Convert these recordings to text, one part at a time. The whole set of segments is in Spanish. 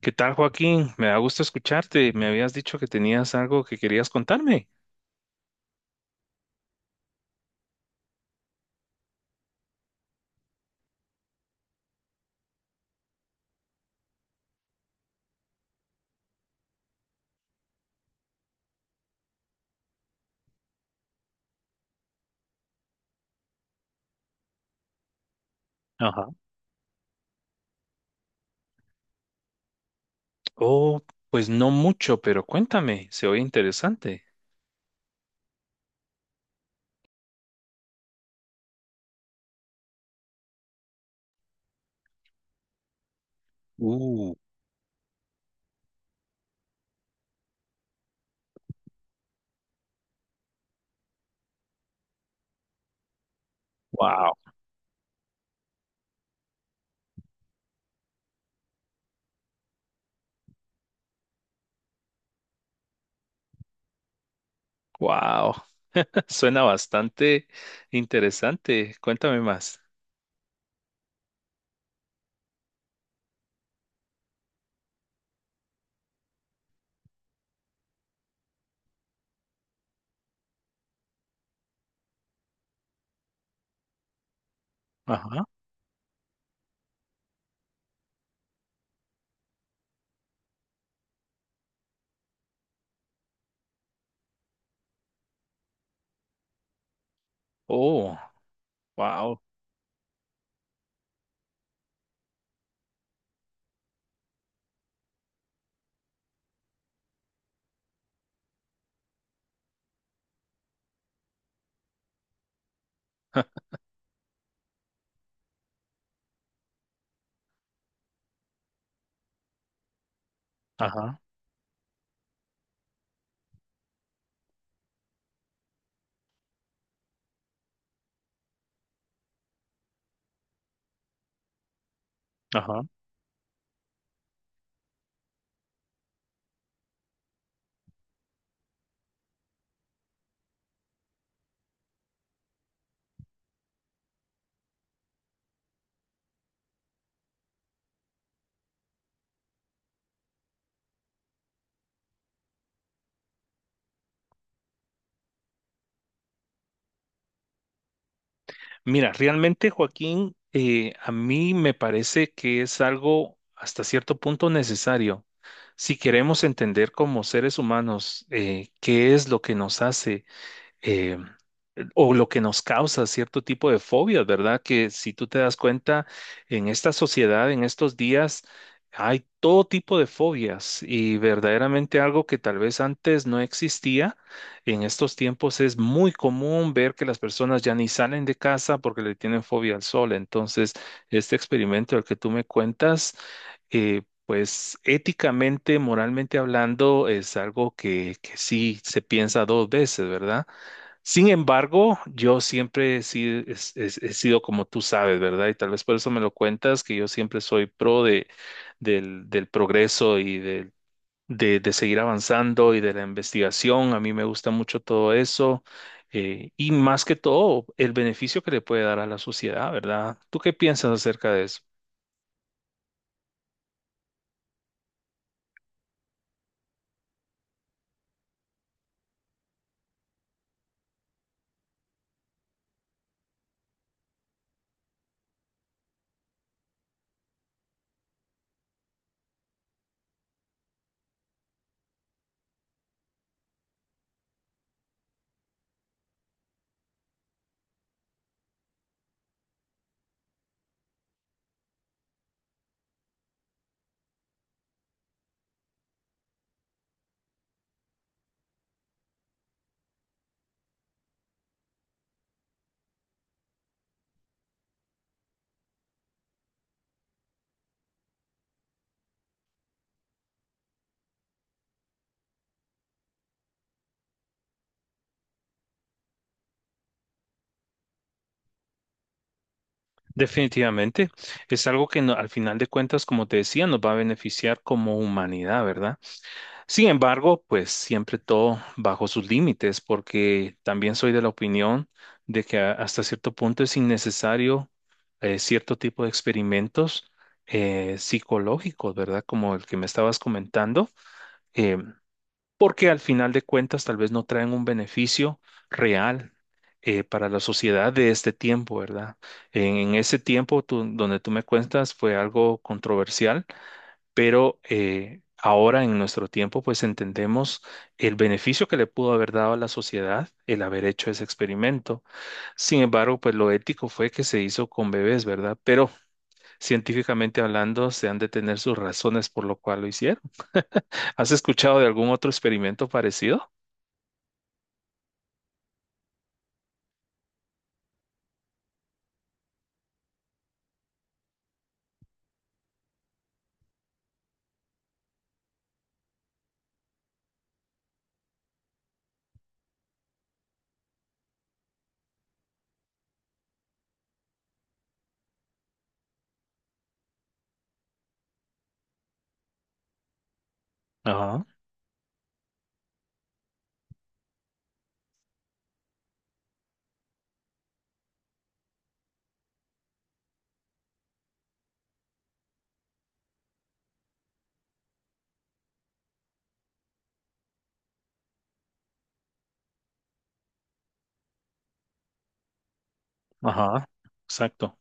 ¿Qué tal, Joaquín? Me da gusto escucharte. Me habías dicho que tenías algo que querías contarme. Ajá. Oh, pues no mucho, pero cuéntame, se oye interesante. Uh, wow. Wow, suena bastante interesante. Cuéntame más. Ajá, oh, wow. ajá, ajá. Mira, realmente, Joaquín, a mí me parece que es algo hasta cierto punto necesario. Si queremos entender como seres humanos qué es lo que nos hace eh, o lo que nos causa cierto tipo de fobias, ¿verdad? Que si tú te das cuenta, en esta sociedad, en estos días, hay todo tipo de fobias y verdaderamente algo que tal vez antes no existía. En estos tiempos es muy común ver que las personas ya ni salen de casa porque le tienen fobia al sol. Entonces, este experimento del que tú me cuentas, pues éticamente, moralmente hablando, es algo que sí se piensa dos veces, ¿verdad? Sin embargo, yo siempre he sido, he sido como tú sabes, ¿verdad? Y tal vez por eso me lo cuentas, que yo siempre soy pro de, del progreso y de seguir avanzando y de la investigación. A mí me gusta mucho todo eso. Y más que todo, el beneficio que le puede dar a la sociedad, ¿verdad? ¿Tú qué piensas acerca de eso? Definitivamente, es algo que al final de cuentas, como te decía, nos va a beneficiar como humanidad, ¿verdad? Sin embargo, pues siempre todo bajo sus límites, porque también soy de la opinión de que hasta cierto punto es innecesario cierto tipo de experimentos psicológicos, ¿verdad? Como el que me estabas comentando, eh, porque al final de cuentas tal vez no traen un beneficio real. Para la sociedad de este tiempo, ¿verdad? En ese tiempo donde tú me cuentas fue algo controversial, pero ahora en nuestro tiempo pues entendemos el beneficio que le pudo haber dado a la sociedad el haber hecho ese experimento. Sin embargo, pues lo ético fue que se hizo con bebés, ¿verdad? Pero científicamente hablando, se han de tener sus razones por lo cual lo hicieron. ¿Has escuchado de algún otro experimento parecido? Ajá, ajá, exacto.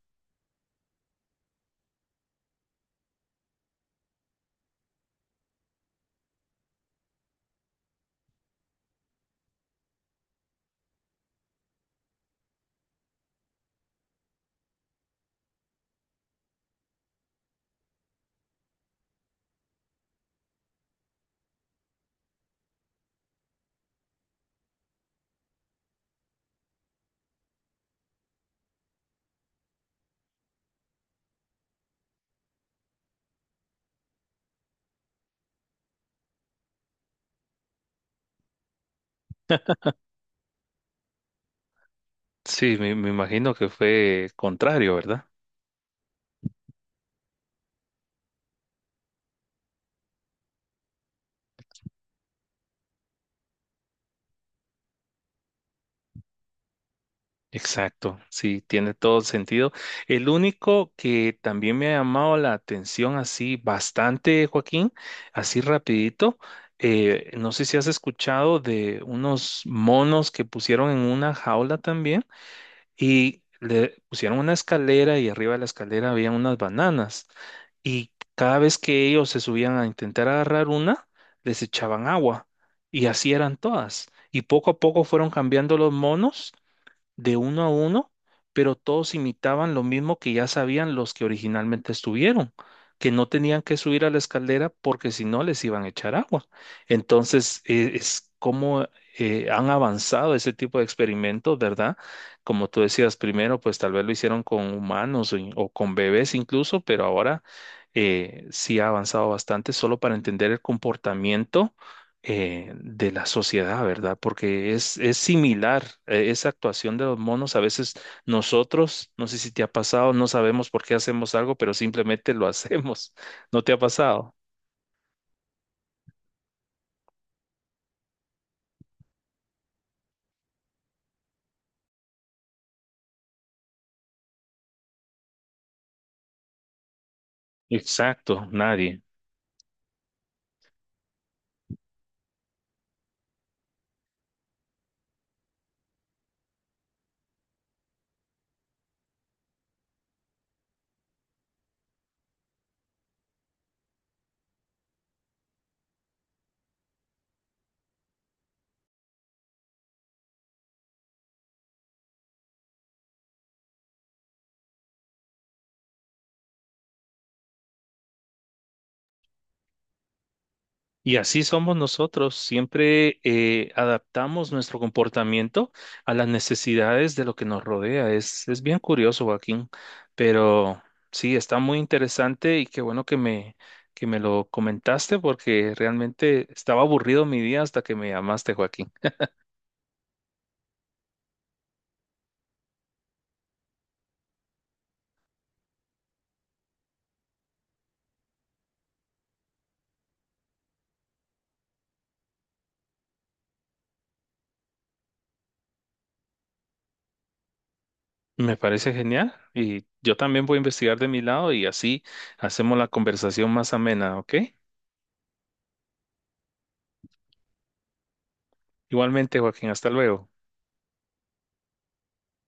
Sí, me imagino que fue contrario, ¿verdad? Exacto, sí, tiene todo sentido. El único que también me ha llamado la atención así bastante, Joaquín, así rapidito, no sé si has escuchado de unos monos que pusieron en una jaula también y le pusieron una escalera y arriba de la escalera había unas bananas y cada vez que ellos se subían a intentar agarrar una, les echaban agua y así eran todas. Y poco a poco fueron cambiando los monos de uno a uno, pero todos imitaban lo mismo que ya sabían los que originalmente estuvieron, que no tenían que subir a la escalera porque si no les iban a echar agua. Entonces, es como han avanzado ese tipo de experimentos, ¿verdad? Como tú decías primero, pues tal vez lo hicieron con humanos o con bebés incluso, pero ahora sí ha avanzado bastante solo para entender el comportamiento de la sociedad, ¿verdad? Porque es similar, esa actuación de los monos, a veces nosotros, no sé si te ha pasado, no sabemos por qué hacemos algo, pero simplemente lo hacemos. ¿No te ha pasado? Exacto, nadie. Y así somos nosotros, siempre adaptamos nuestro comportamiento a las necesidades de lo que nos rodea. Es es bien curioso, Joaquín, pero sí, está muy interesante y qué bueno que que me lo comentaste porque realmente estaba aburrido mi día hasta que me llamaste, Joaquín. Me parece genial y yo también voy a investigar de mi lado y así hacemos la conversación más amena, ¿ok? Igualmente, Joaquín, hasta luego.